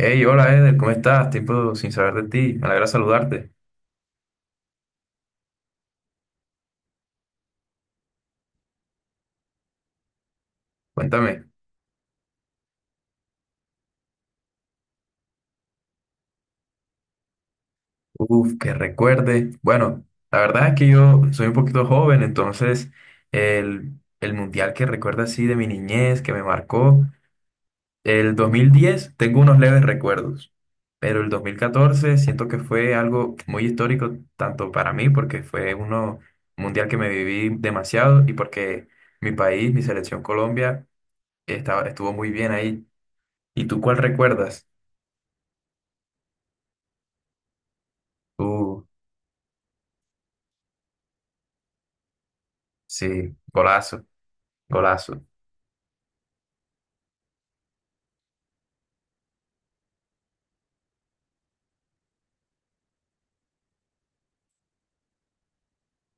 Hey, hola Eder, ¿cómo estás? Tiempo sin saber de ti, me alegra saludarte. Cuéntame. Uf, que recuerde. Bueno, la verdad es que yo soy un poquito joven, entonces el, el mundial que recuerda así de mi niñez, que me marcó, el 2010 tengo unos leves recuerdos, pero el 2014 siento que fue algo muy histórico, tanto para mí, porque fue uno mundial que me viví demasiado y porque mi país, mi selección Colombia, estuvo muy bien ahí. ¿Y tú cuál recuerdas? Uh, sí, golazo, golazo,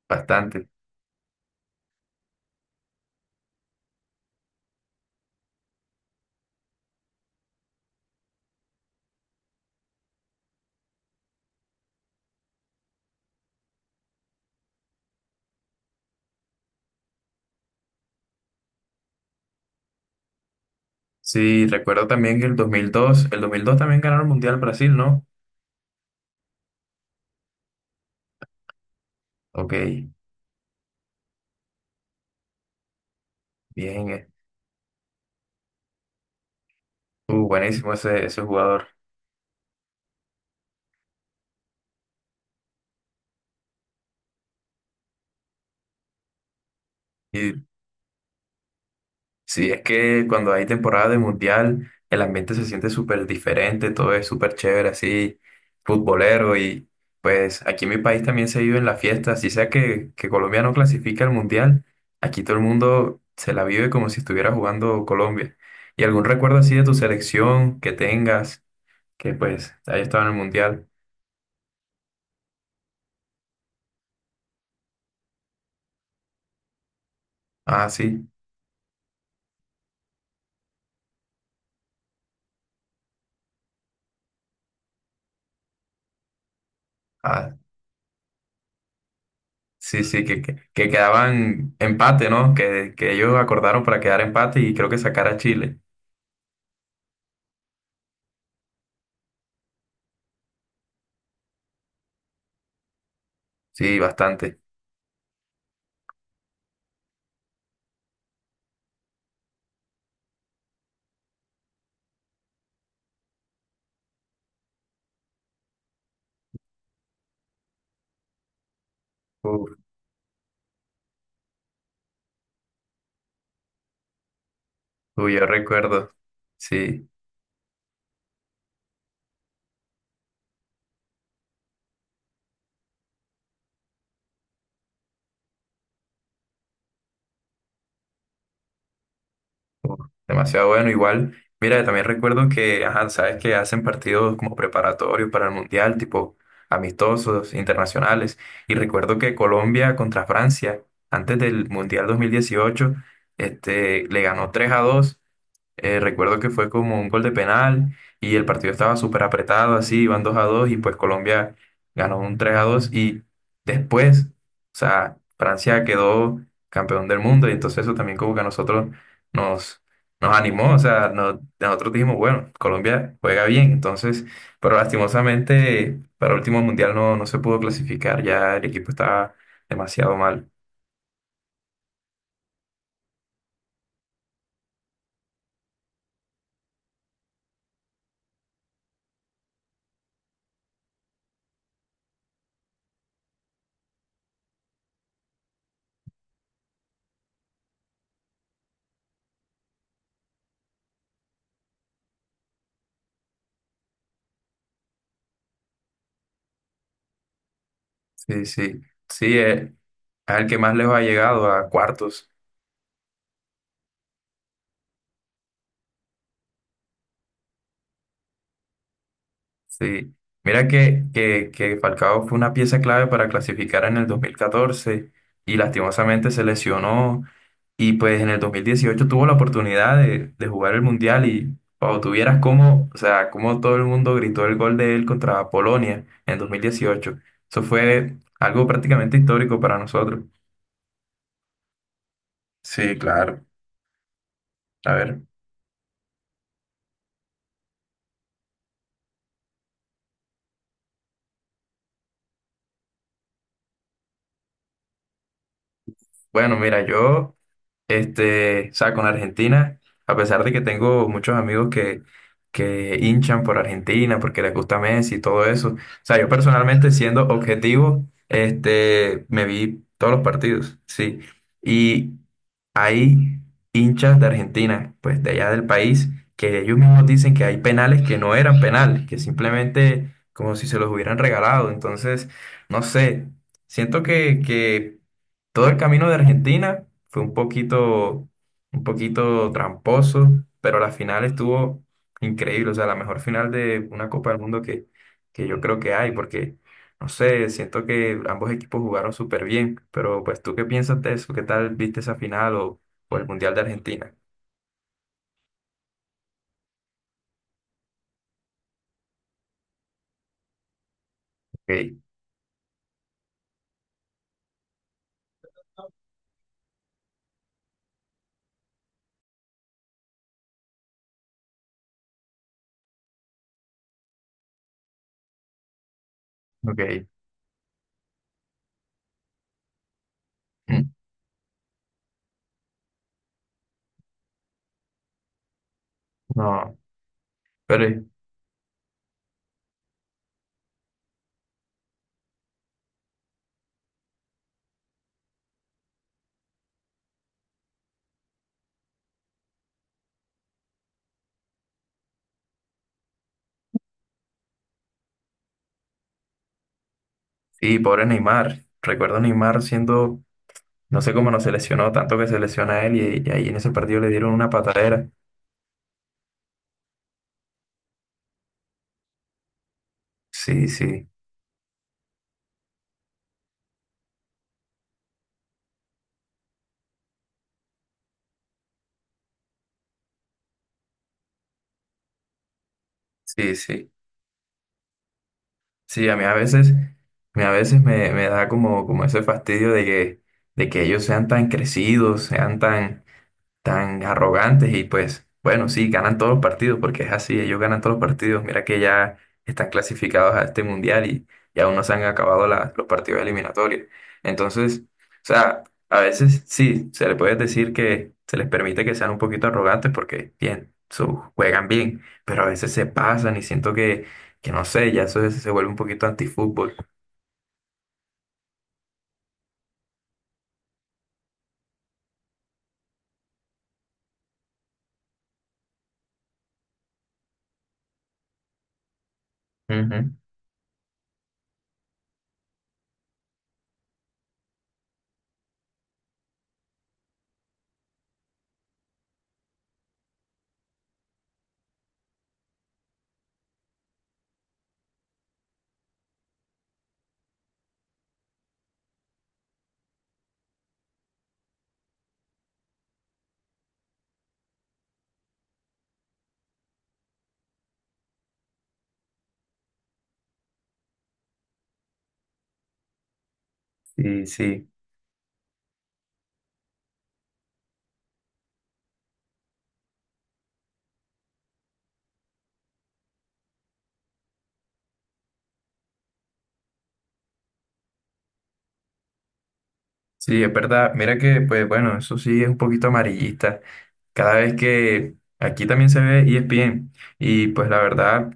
bastante. Sí, recuerdo también que el 2002, el 2002 también ganaron el Mundial Brasil, ¿no? Ok, bien. Eh. Buenísimo ese, ese jugador. Y sí, es que cuando hay temporada de mundial, el ambiente se siente súper diferente, todo es súper chévere, así, futbolero. Y pues aquí en mi país también se vive en la fiesta, así sea que Colombia no clasifica al mundial, aquí todo el mundo se la vive como si estuviera jugando Colombia. ¿Y algún recuerdo así de tu selección que tengas, que pues haya estado en el mundial? Ah, sí, ah, sí, sí, que quedaban empate, ¿no? Que ellos acordaron para quedar empate y creo que sacar a Chile. Sí, bastante. Uf, uy, yo recuerdo, sí, uf, demasiado bueno. Igual, mira, también recuerdo que, ajá, sabes que hacen partidos como preparatorios para el mundial, tipo amistosos, internacionales. Y recuerdo que Colombia contra Francia, antes del mundial 2018, le ganó 3 a dos. Recuerdo que fue como un gol de penal y el partido estaba súper apretado, así, iban 2 a 2 y pues Colombia ganó un 3 a 2 y después, o sea, Francia quedó campeón del mundo y entonces eso también como que a nosotros nos, nos animó, o sea, nosotros dijimos, bueno, Colombia juega bien, entonces, pero lastimosamente para el último mundial no, no se pudo clasificar, ya el equipo estaba demasiado mal. Sí, sí, sí, es el que más lejos ha llegado a cuartos. Sí, mira que Falcao fue una pieza clave para clasificar en el 2014 y lastimosamente se lesionó y pues en el 2018 tuvo la oportunidad de jugar el Mundial y cuando tuvieras cómo, o sea, cómo todo el mundo gritó el gol de él contra Polonia en 2018. Eso fue algo prácticamente histórico para nosotros. Sí, claro. A ver. Bueno, mira, yo. Este, o sea, con Argentina, a pesar de que tengo muchos amigos que hinchan por Argentina porque les gusta Messi y todo eso, o sea, yo personalmente siendo objetivo, me vi todos los partidos, sí. Y hay hinchas de Argentina, pues de allá del país, que ellos mismos dicen que hay penales que no eran penales, que simplemente como si se los hubieran regalado. Entonces, no sé, siento que todo el camino de Argentina fue un poquito tramposo, pero la final estuvo increíble, o sea, la mejor final de una Copa del Mundo que yo creo que hay, porque, no sé, siento que ambos equipos jugaron súper bien, pero pues tú qué piensas de eso, qué tal viste esa final o el Mundial de Argentina. Ok, ok, mm, no, pero sí, pobre Neymar, recuerdo a Neymar siendo, no sé cómo no se lesionó, tanto que se lesiona él y ahí en ese partido le dieron una patadera. Sí, sí. Sí, sí. Sí, a mí a veces, a mí a veces me, me da como, como ese fastidio de que ellos sean tan crecidos, sean tan tan arrogantes y pues bueno, sí, ganan todos los partidos porque es así, ellos ganan todos los partidos. Mira que ya están clasificados a este mundial y aún no se han acabado los partidos eliminatorios. Entonces, o sea, a veces sí, se le puede decir que se les permite que sean un poquito arrogantes porque bien, juegan bien, pero a veces se pasan y siento que no sé, se vuelve un poquito antifútbol. Ujú, sí, sí, sí, es verdad. Mira que, pues bueno, eso sí es un poquito amarillista. Cada vez que aquí también se ve ESPN y pues la verdad,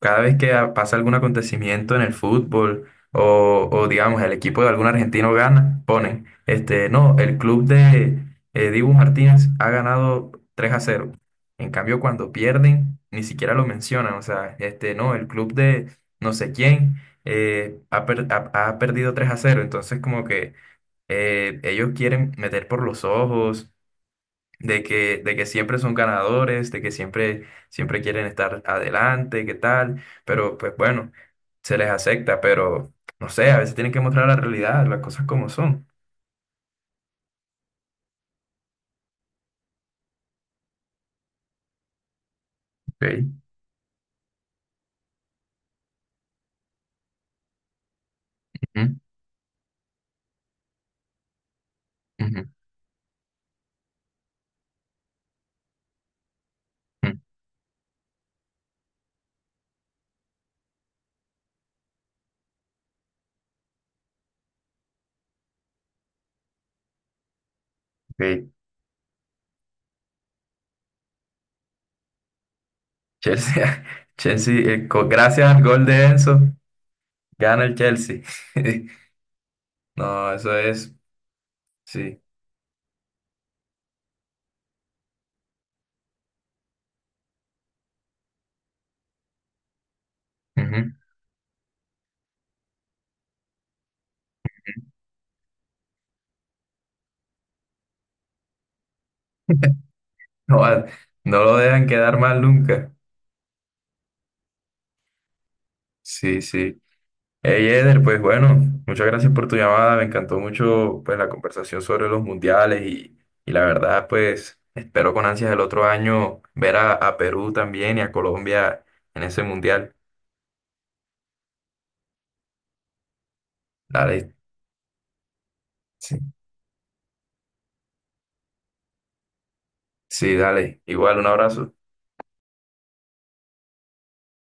cada vez que pasa algún acontecimiento en el fútbol o, digamos el equipo de algún argentino gana, ponen, este, no, el club de Dibu Martínez ha ganado 3 a cero. En cambio, cuando pierden, ni siquiera lo mencionan, o sea, este, no, el club de no sé quién ha perdido 3 a cero, entonces como que ellos quieren meter por los ojos de de que siempre son ganadores, de que siempre, siempre quieren estar adelante, qué tal, pero pues bueno, se les acepta, pero no sé, a veces tienen que mostrar la realidad, las cosas como son. Okay. Ujú, ujú, ujú, ok. Chelsea, Chelsea, gracias al gol de Enzo, gana el Chelsea. No, eso es, sí. Ujú. No, no lo dejan quedar mal nunca. Sí, sí. Hey Eder, pues bueno, muchas gracias por tu llamada. Me encantó mucho pues la conversación sobre los mundiales y la verdad pues espero con ansias el otro año ver a Perú también y a Colombia en ese mundial. Dale, sí. Sí, dale. Igual, un abrazo.